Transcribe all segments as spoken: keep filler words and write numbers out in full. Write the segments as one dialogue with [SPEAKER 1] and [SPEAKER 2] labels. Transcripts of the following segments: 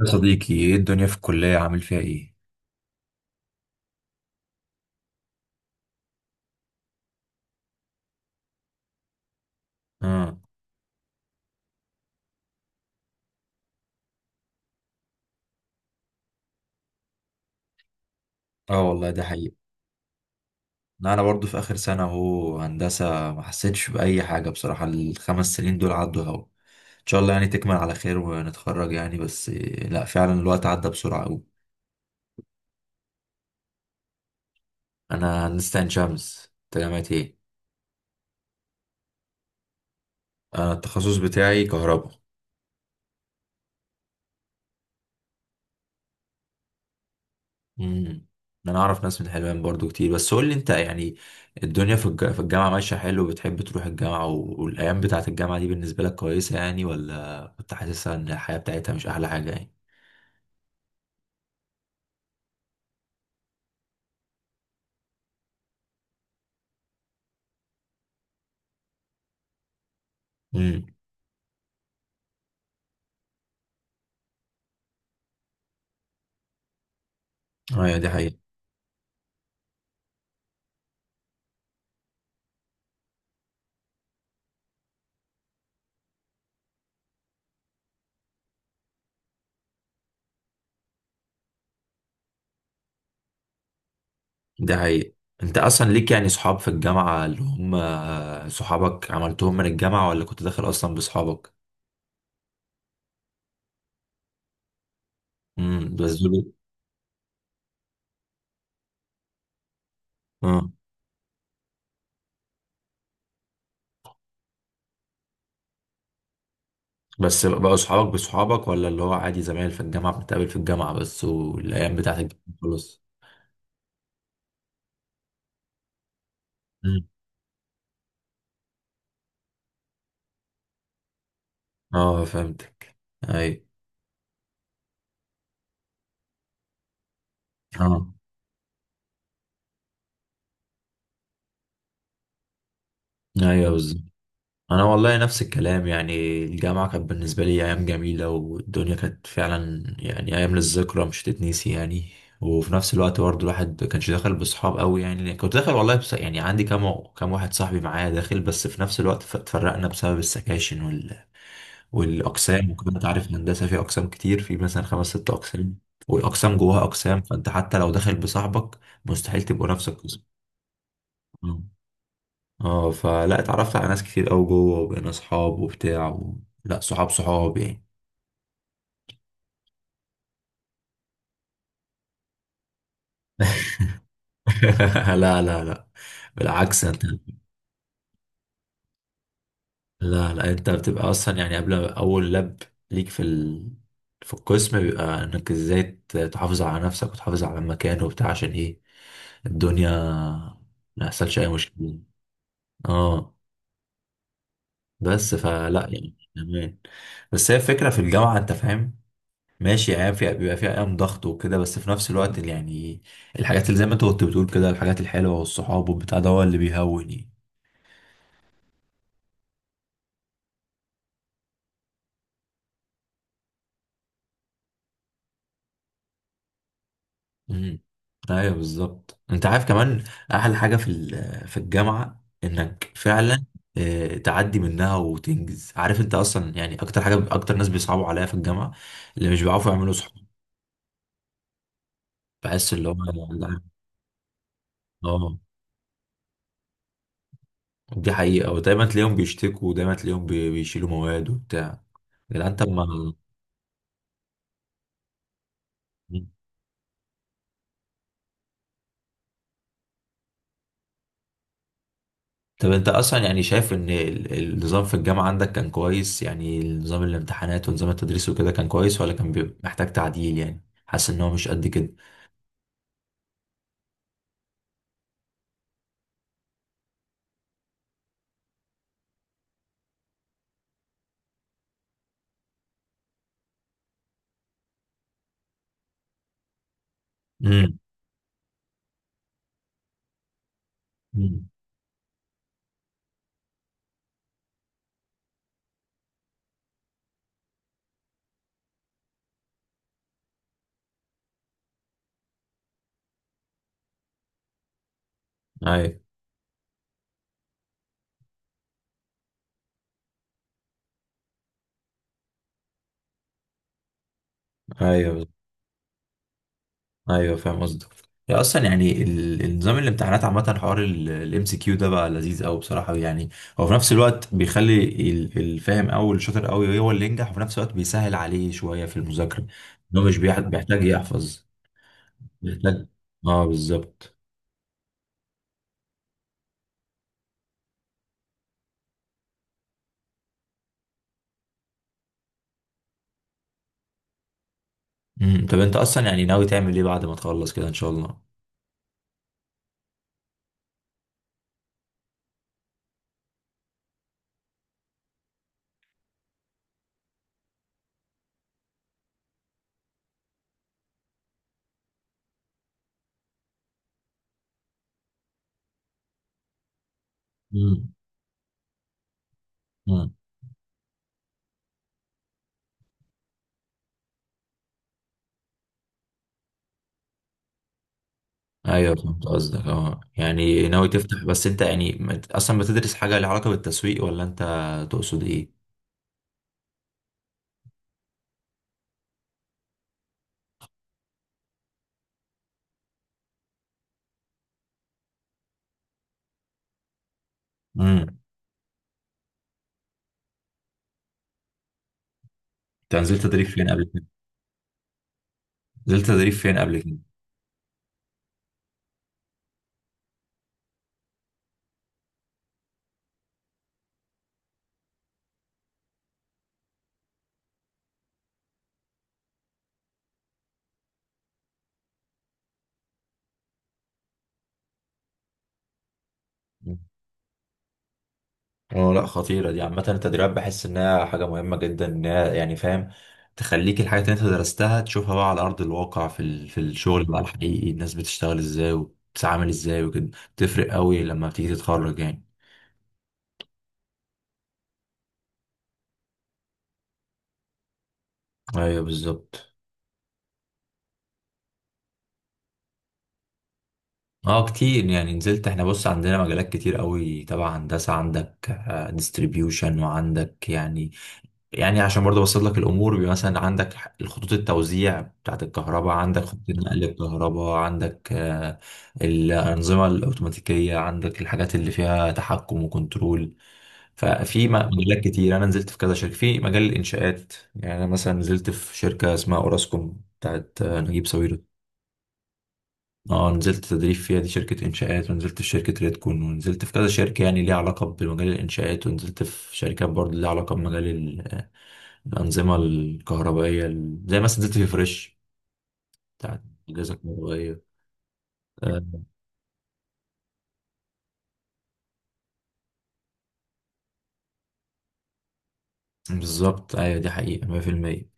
[SPEAKER 1] يا صديقي، ايه الدنيا في الكلية عامل فيها ايه؟ اه. اه، والله ده حقيقي. لا، انا برضو في اخر سنة اهو هندسة، ما حسيتش بأي حاجة بصراحة. الخمس سنين دول عدوا اهو. ان شاء الله يعني تكمل على خير ونتخرج يعني، بس إيه، لا فعلا الوقت عدى بسرعة اوي. انا هندسة عين شمس، انت جامعة ايه؟ انا التخصص بتاعي كهرباء. امم. انا اعرف ناس من حلوان برضو كتير، بس قول لي انت يعني الدنيا في الج- في الجامعه ماشيه حلو؟ بتحب تروح الجامعه و- والايام بتاعه الجامعه دي بالنسبه لك كويسه يعني، ولا كنت حاسسها ان الحياه بتاعتها مش احلى حاجه يعني؟ امم. ايوه، دي حقيقه. دي حقيقه. انت اصلا ليك يعني صحاب في الجامعه اللي هم صحابك عملتهم من الجامعه، ولا كنت داخل اصلا بصحابك؟ امم، بس دول؟ اه. بس بقوا صحابك بصحابك، ولا اللي هو عادي زمايل في الجامعه بنتقابل في الجامعه بس والايام بتاعه الجامعه خلاص؟ اه، فهمتك. اي. اه. ايوه بالظبط. انا والله نفس الكلام يعني. الجامعه كانت بالنسبه لي ايام جميله، والدنيا كانت فعلا يعني ايام للذكرى مش تتنسي يعني. وفي نفس الوقت برضه الواحد ما كانش داخل بصحاب قوي يعني، كنت داخل والله، بس يعني عندي كام كام واحد صاحبي معايا داخل. بس في نفس الوقت ف- اتفرقنا بسبب السكاشن وال... والاقسام، وكمان انت عارف الهندسه في اقسام كتير، في مثلا خمس ست اقسام، والاقسام جواها اقسام، فانت حتى لو داخل بصاحبك مستحيل تبقوا نفس القسم. آه. اه، فلا اتعرفت على ناس كتير قوي جوه وبقينا صحاب وبتاع و... لا، صحاب صحاب يعني. لا لا لا، بالعكس انت. لا لا، انت بتبقى اصلا يعني قبل اول لاب ليك في ال... في القسم بيبقى انك ازاي ت- تحافظ على نفسك وتحافظ على المكان وبتاع، عشان ايه الدنيا ما يحصلش اي مشكله. اه، بس فلا يعني تمام. بس هي الفكره في الجامعه انت فاهم، ماشي ايام فيها بيبقى فيها ايام ضغط وكده، بس في نفس الوقت اللي يعني الحاجات اللي زي ما انت كنت بتقول كده، الحاجات الحلوه والصحاب والبتاع، ده هو اللي بيهون يعني. امم. ايوه بالظبط. انت عارف كمان احلى حاجه في ال- في الجامعه انك فعلا آه، تعدي منها وتنجز. عارف انت اصلا يعني اكتر حاجه، اكتر ناس بيصعبوا عليا في الجامعه اللي مش بيعرفوا يعملوا صحاب. بحس اللي هم. لا. اه، دي حقيقه، ودايما تلاقيهم بيشتكوا، ودايما تلاقيهم بي- بيشيلوا مواد وبتاع. يا جدعان طب ما. طب انت اصلا يعني شايف ان ال- النظام في الجامعة عندك كان كويس يعني؟ نظام الامتحانات ونظام التدريس وكده كان كويس، ولا كان بيبقى محتاج تعديل يعني؟ حاسس ان هو مش قد كده؟ امم. امم. ايوه ايوه ايوه فاهم قصدك. يا اصلا يعني ال- النظام الامتحانات عامة، حوار الام سي كيو ده بقى لذيذ قوي بصراحة يعني. هو في نفس الوقت بيخلي ال- الفاهم قوي الشاطر قوي هو اللي ينجح، وفي نفس الوقت بيسهل عليه شوية في المذاكرة. ان هو مش بيح- بيحتاج يحفظ، بيحتاج. اه بالظبط. مم. طب انت اصلا يعني ناوي تعمل ايه بعد ما تخلص كده ان شاء الله؟ مم. مم. ايوه، فهمت قصدك. اه يعني ناوي تفتح، بس انت يعني مت- اصلا بتدرس حاجه لها علاقه بالتسويق، ولا انت تقصد ايه؟ امم. انت نزلت تدريب فين قبل كده؟ نزلت تدريب فين قبل كده؟ مم. اه، لا خطيره دي. عامه التدريبات بحس انها حاجه مهمه جدا، انها يعني فاهم تخليك الحاجات اللي انت درستها تشوفها بقى على ارض الواقع في ال... في الشغل بقى الحقيقي. الناس بتشتغل ازاي وبتتعامل ازاي وكده بتفرق قوي لما بتيجي تتخرج يعني. ايوه بالظبط. اه كتير يعني نزلت. احنا بص عندنا مجالات كتير قوي تبع هندسه. عندك ديستريبيوشن، وعندك يعني، يعني عشان برضه ابسط لك الامور، بيبقى مثلا عندك ح- الخطوط التوزيع بتاعت الكهرباء، عندك خطوط نقل الكهرباء، عندك آه، الانظمه الاوتوماتيكيه، عندك الحاجات اللي فيها تحكم وكنترول. ففي م- مجالات كتير. انا نزلت في كذا شركه في مجال الانشاءات، يعني انا مثلا نزلت في شركه اسمها اوراسكوم بتاعت آه، نجيب ساويرس. اه نزلت تدريب فيها، دي شركة إنشاءات، ونزلت في شركة ريدكون، ونزلت في كذا شركة يعني ليها علاقة بمجال الإنشاءات، ونزلت في شركات برضه ليها علاقة بمجال ال- الأنظمة الكهربائية، ال- زي مثلا نزلت في فريش بتاعت الأجهزة الكهربائية. آه، بالظبط، أيوة دي حقيقة مية في المية.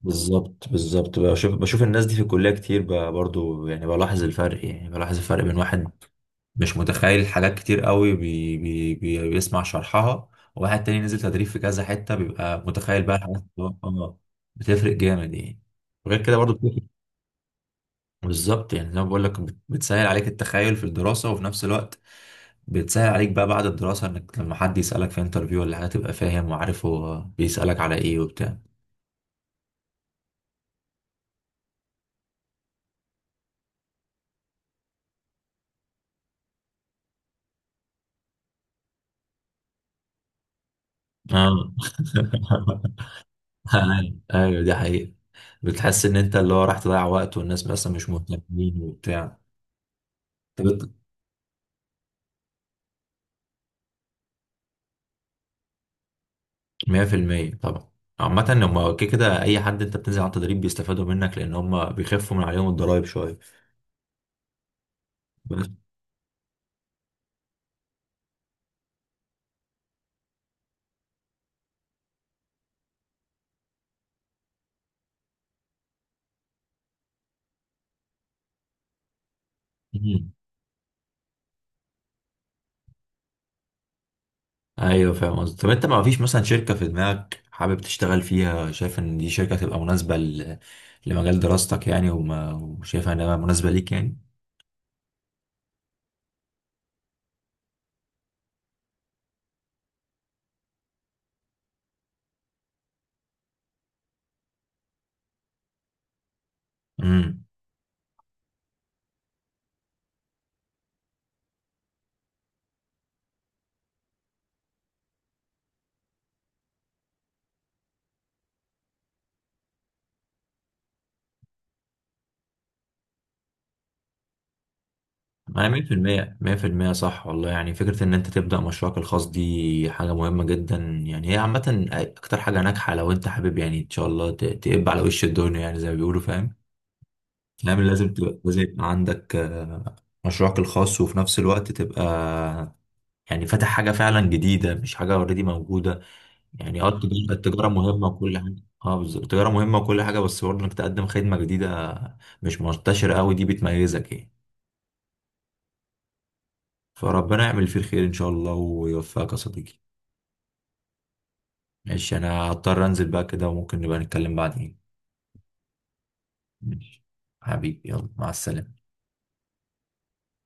[SPEAKER 1] بالظبط بالظبط، بشوف بشوف الناس دي في الكلية كتير، ب- برضه يعني بلاحظ الفرق، يعني بلاحظ الفرق بين واحد مش متخيل حاجات كتير قوي بي بي بي بيسمع شرحها، وواحد تاني نزل تدريب في كذا حتة بيبقى متخيل بقى الحاجات اللي هو- آه، بتفرق جامد يعني. غير كده برضو بتفرق. بالظبط، يعني زي ما بقول لك بت- بتسهل عليك التخيل في الدراسة، وفي نفس الوقت بتسهل عليك بقى بعد الدراسة انك لما حد يسألك في انترفيو ولا حاجة تبقى فاهم وعارف هو بيسألك على ايه وبتاع. اه. ايوه أيوة، دي حقيقة. بتحس ان انت اللي هو راح تضيع وقت والناس مثلا مش مهتمين وبتاع. طب مية في المية طبعا. عامة هما كده كده أي حد أنت بتنزل على التدريب بيستفادوا منك، لأن هما بيخفوا من عليهم الضرايب شوية. بس. مم. أيوه فاهم قصدي. طب أنت ما فيش مثلا شركة في دماغك حابب تشتغل فيها؟ شايف إن دي شركة تبقى مناسبة ل... لمجال دراستك يعني؟ وما... وشايفها إنها مناسبة ليك يعني؟ امم. انا مية في المية مية في المية صح والله. يعني فكره ان انت تبدا مشروعك الخاص دي حاجه مهمه جدا. يعني هي عامه اكتر حاجه ناجحه لو انت حابب يعني ان شاء الله ت- تقب على وش الدنيا، يعني زي ما بيقولوا، فاهم؟ نعم، لازم تبقى، لازم يبقى عندك آه، مشروعك الخاص، وفي نفس الوقت تبقى يعني فاتح حاجة فعلا جديدة، مش حاجة اوريدي موجودة يعني. اه التجارة، التجارة مهمة وكل حاجة. اه بالظبط، التجارة مهمة وكل حاجة، بس برضه انك تقدم خدمة جديدة مش منتشرة قوي، دي بتميزك يعني. فربنا يعمل فيه الخير ان شاء الله ويوفقك يا صديقي. ماشي، انا هضطر انزل بقى كده، وممكن نبقى نتكلم بعدين. ماشي، حبيبي، يلا مع السلامة.